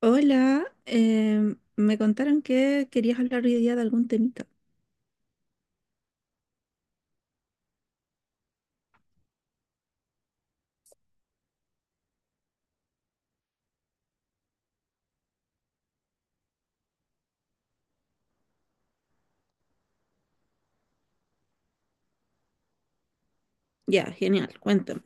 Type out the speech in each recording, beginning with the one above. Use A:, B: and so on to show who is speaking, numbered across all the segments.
A: Hola, me contaron que querías hablar hoy día de algún temita. Ya, genial, cuéntame.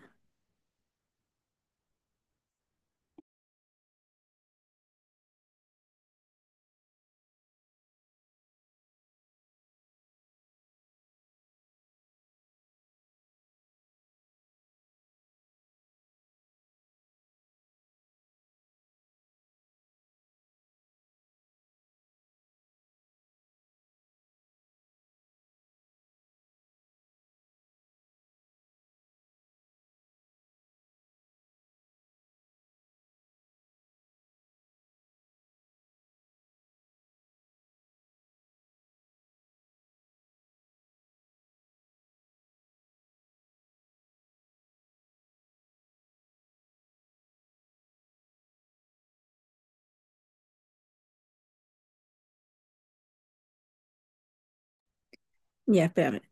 A: Ya, espérame.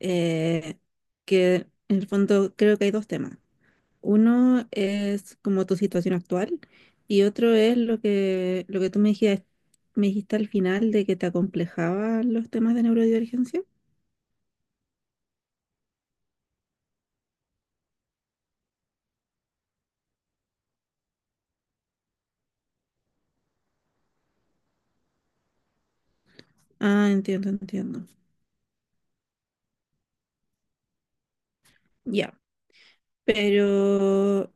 A: Eh, que en el fondo creo que hay dos temas. Uno es como tu situación actual y otro es lo que tú me dijiste al final de que te acomplejaban los temas de neurodivergencia. Ah, entiendo, entiendo. Ya, pero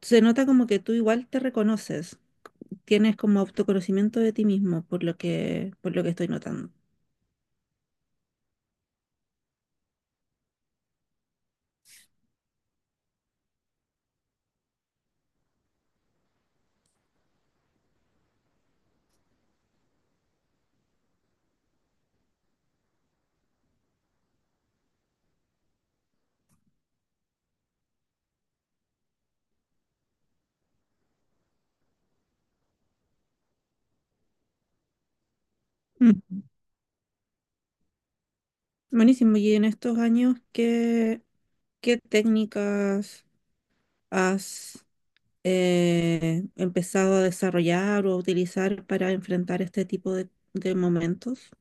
A: se nota como que tú igual te reconoces. Tienes como autoconocimiento de ti mismo, por lo que estoy notando. Mm. Buenísimo. Y en estos años, ¿qué técnicas has empezado a desarrollar o a utilizar para enfrentar este tipo de momentos?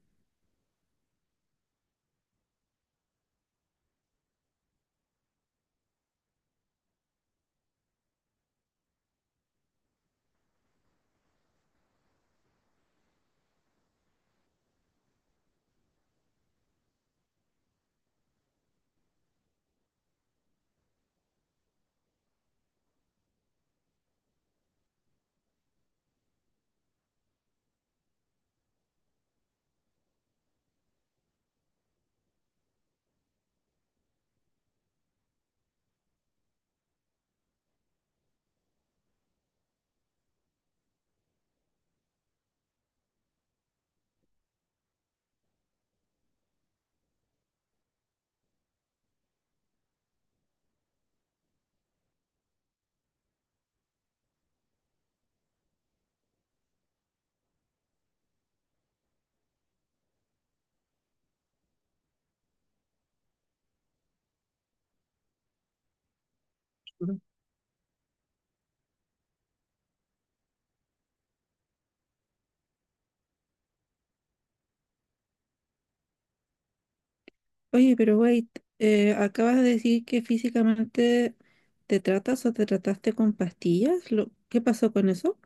A: Oye, pero wait, acabas de decir que físicamente te tratas o te trataste con pastillas. ¿Qué pasó con eso?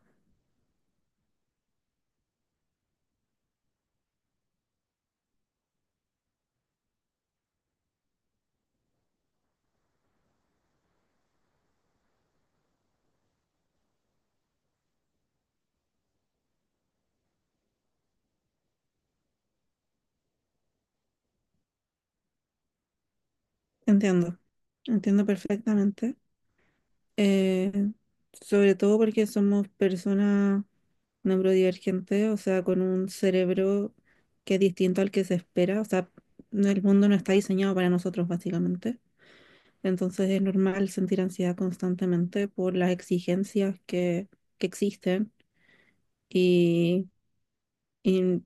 A: Entiendo, entiendo perfectamente. Eh, sobre todo porque somos personas neurodivergentes, o sea, con un cerebro que es distinto al que se espera, o sea, el mundo no está diseñado para nosotros básicamente. Entonces es normal sentir ansiedad constantemente por las exigencias que existen y, y,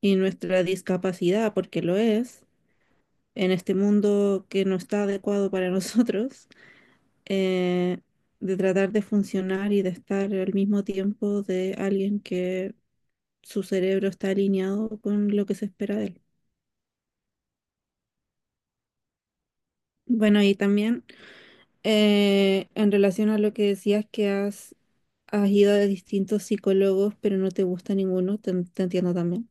A: y nuestra discapacidad, porque lo es, en este mundo que no está adecuado para nosotros eh, de tratar de funcionar y de estar al mismo tiempo de alguien que su cerebro está alineado con lo que se espera de él. Bueno, y también en relación a lo que decías que has ido a distintos psicólogos, pero no te gusta ninguno, te entiendo también.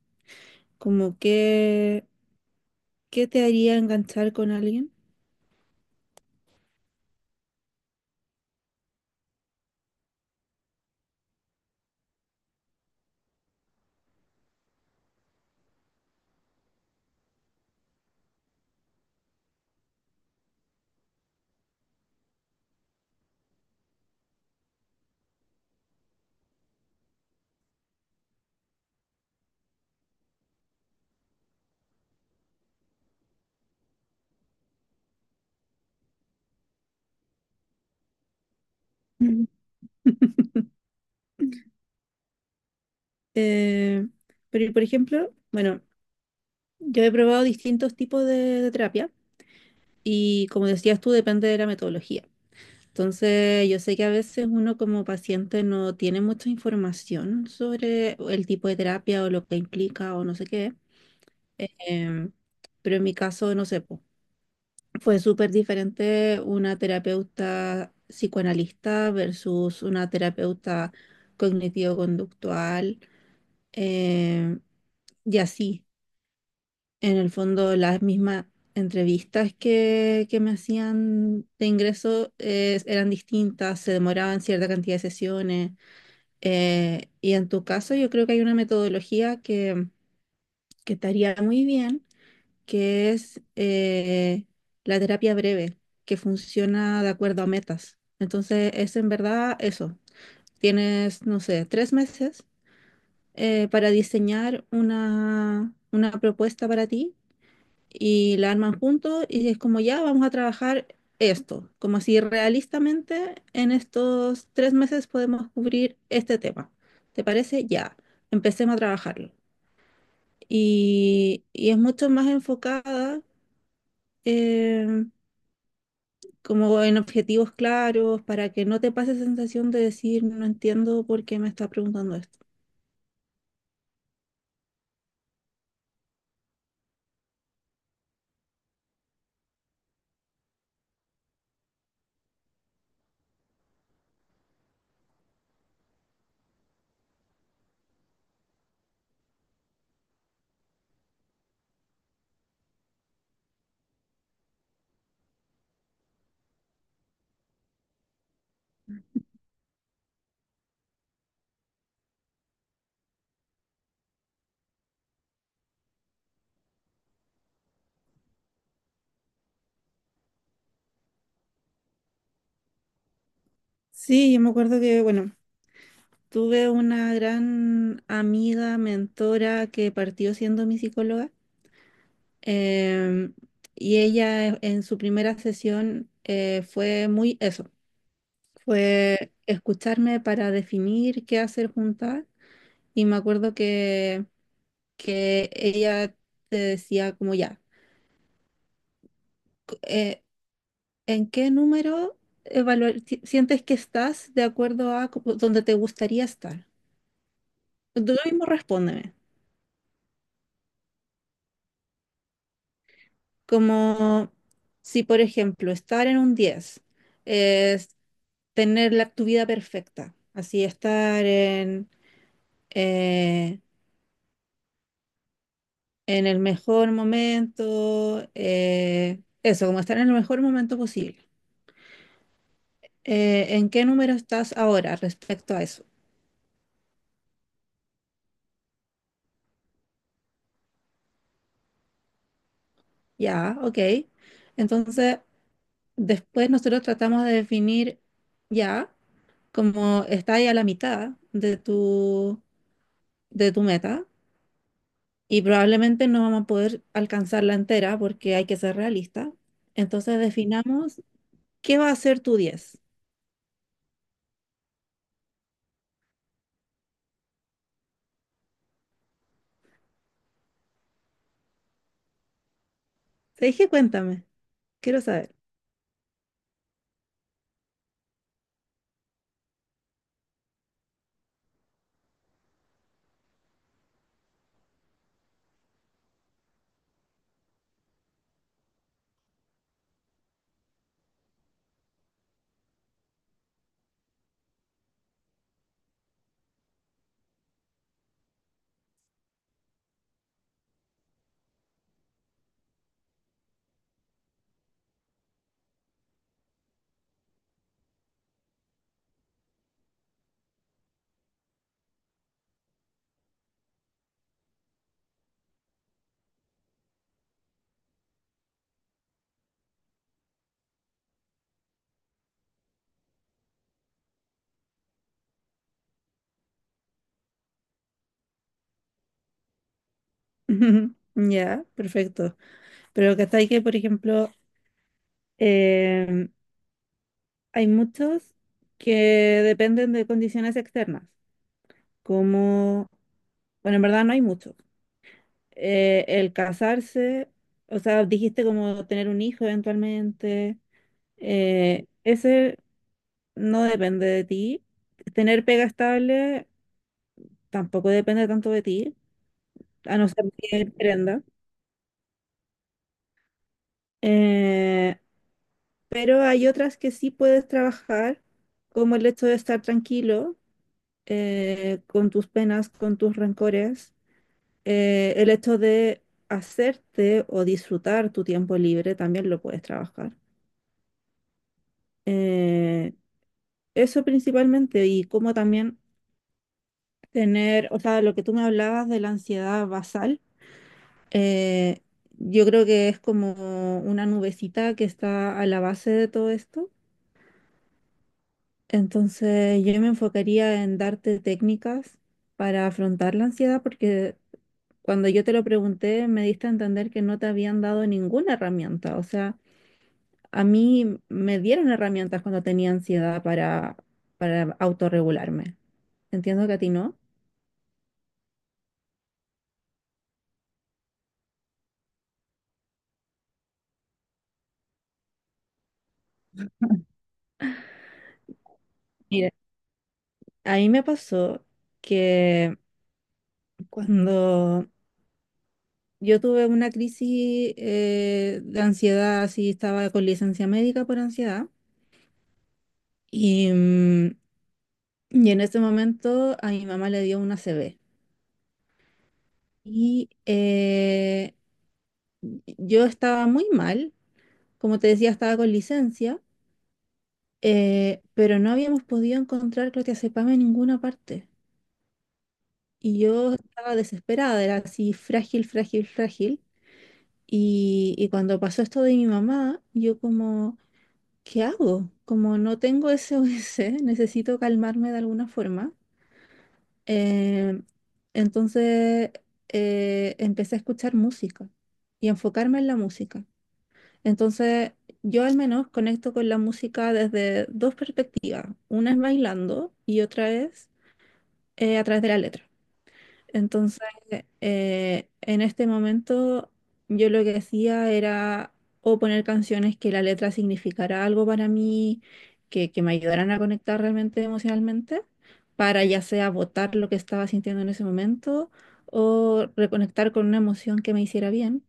A: Como que, ¿qué te haría enganchar con alguien? Ujú. Eh, pero, por ejemplo, bueno, yo he probado distintos tipos de terapia. Y como decías tú, depende de la metodología. Entonces, yo sé que a veces uno como paciente no tiene mucha información sobre el tipo de terapia o lo que implica o no sé qué. Em, pero en mi caso, no sé, po, fue súper diferente una terapeuta psicoanalista versus una terapeuta cognitivo-conductual. em, y así. En el fondo, las mismas entrevistas que me hacían de ingreso eran distintas, se demoraban cierta cantidad de sesiones. Y en tu caso, yo creo que hay una metodología que te haría muy bien, que es la terapia breve, que funciona de acuerdo a metas. Entonces, es en verdad eso. Tienes, no sé, tres meses para diseñar una propuesta para ti y la arman juntos y es como ya vamos a trabajar esto, como si realistamente en estos tres meses podemos cubrir este tema. ¿Te parece? Ya, empecemos a trabajarlo. Y es mucho más enfocada eh, como en objetivos claros para que no te pase esa sensación de decir no entiendo por qué me está preguntando esto. Sí, yo me acuerdo que, bueno, tuve una gran amiga, mentora que partió siendo mi psicóloga. Em, y ella en su primera sesión fue muy eso, fue escucharme para definir qué hacer juntas. Y me acuerdo que ella te decía como ya, cu- eh, ¿en qué número sientes que estás de acuerdo a donde te gustaría estar? Tú mismo respóndeme. Como si, por ejemplo, estar en un 10 es tener tu vida perfecta, así estar eh, en el mejor momento, eso, como estar en el mejor momento posible. ¿En qué número estás ahora respecto a eso? Ya, ok. Entonces, después nosotros tratamos de definir ya como está ahí a la mitad de tu meta y probablemente no vamos a poder alcanzarla entera porque hay que ser realista. Entonces definamos qué va a ser tu diez. Te dije, cuéntame, quiero saber. Ya, perfecto. Pero que hasta ahí que, por ejemplo, em, hay muchos que dependen de condiciones externas, como, bueno, en verdad no hay muchos. El casarse, o sea, dijiste como tener un hijo eventualmente. Ese no depende de ti. Tener pega estable tampoco depende tanto de ti, a no ser que emprenda. Eh, pero hay otras que sí puedes trabajar, como el hecho de estar tranquilo con tus penas, con tus rencores. El hecho de hacerte o disfrutar tu tiempo libre también lo puedes trabajar. Eh, eso principalmente y como también tener, o sea, lo que tú me hablabas de la ansiedad basal. Eh, yo creo que es como una nubecita que está a la base de todo esto. Entonces yo me enfocaría en darte técnicas para afrontar la ansiedad porque cuando yo te lo pregunté me diste a entender que no te habían dado ninguna herramienta. O sea, a mí me dieron herramientas cuando tenía ansiedad para autorregularme. Entiendo que a ti no. Mira, a mí me pasó que cuando yo tuve una crisis de ansiedad, así estaba con licencia médica por ansiedad. Y, mm, y en ese momento a mi mamá le dio una CB. Y yo estaba muy mal, como te decía, estaba con licencia, pero no habíamos podido encontrar clonazepam en ninguna parte. Y yo estaba desesperada, era así frágil, frágil, frágil. Y cuando pasó esto de mi mamá, yo como... ¿Qué hago? Como no tengo S o SOS, necesito calmarme de alguna forma. Eh, entonces empecé a escuchar música y enfocarme en la música. Entonces yo al menos conecto con la música desde dos perspectivas. Una es bailando y otra es a través de la letra. Entonces, en este momento yo lo que hacía era o poner canciones que la letra significara algo para mí, que me ayudaran a conectar realmente emocionalmente, para ya sea botar lo que estaba sintiendo en ese momento o reconectar con una emoción que me hiciera bien,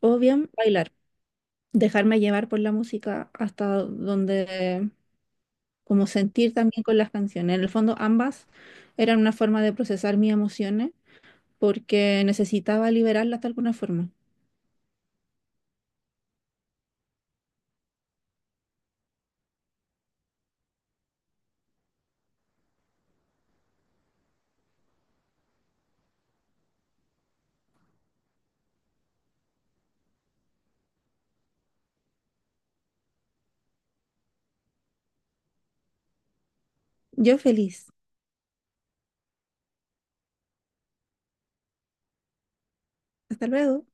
A: o bien bailar, dejarme llevar por la música hasta donde, como sentir también con las canciones. En el fondo, ambas eran una forma de procesar mis emociones porque necesitaba liberarlas de alguna forma. Yo feliz. Hasta luego.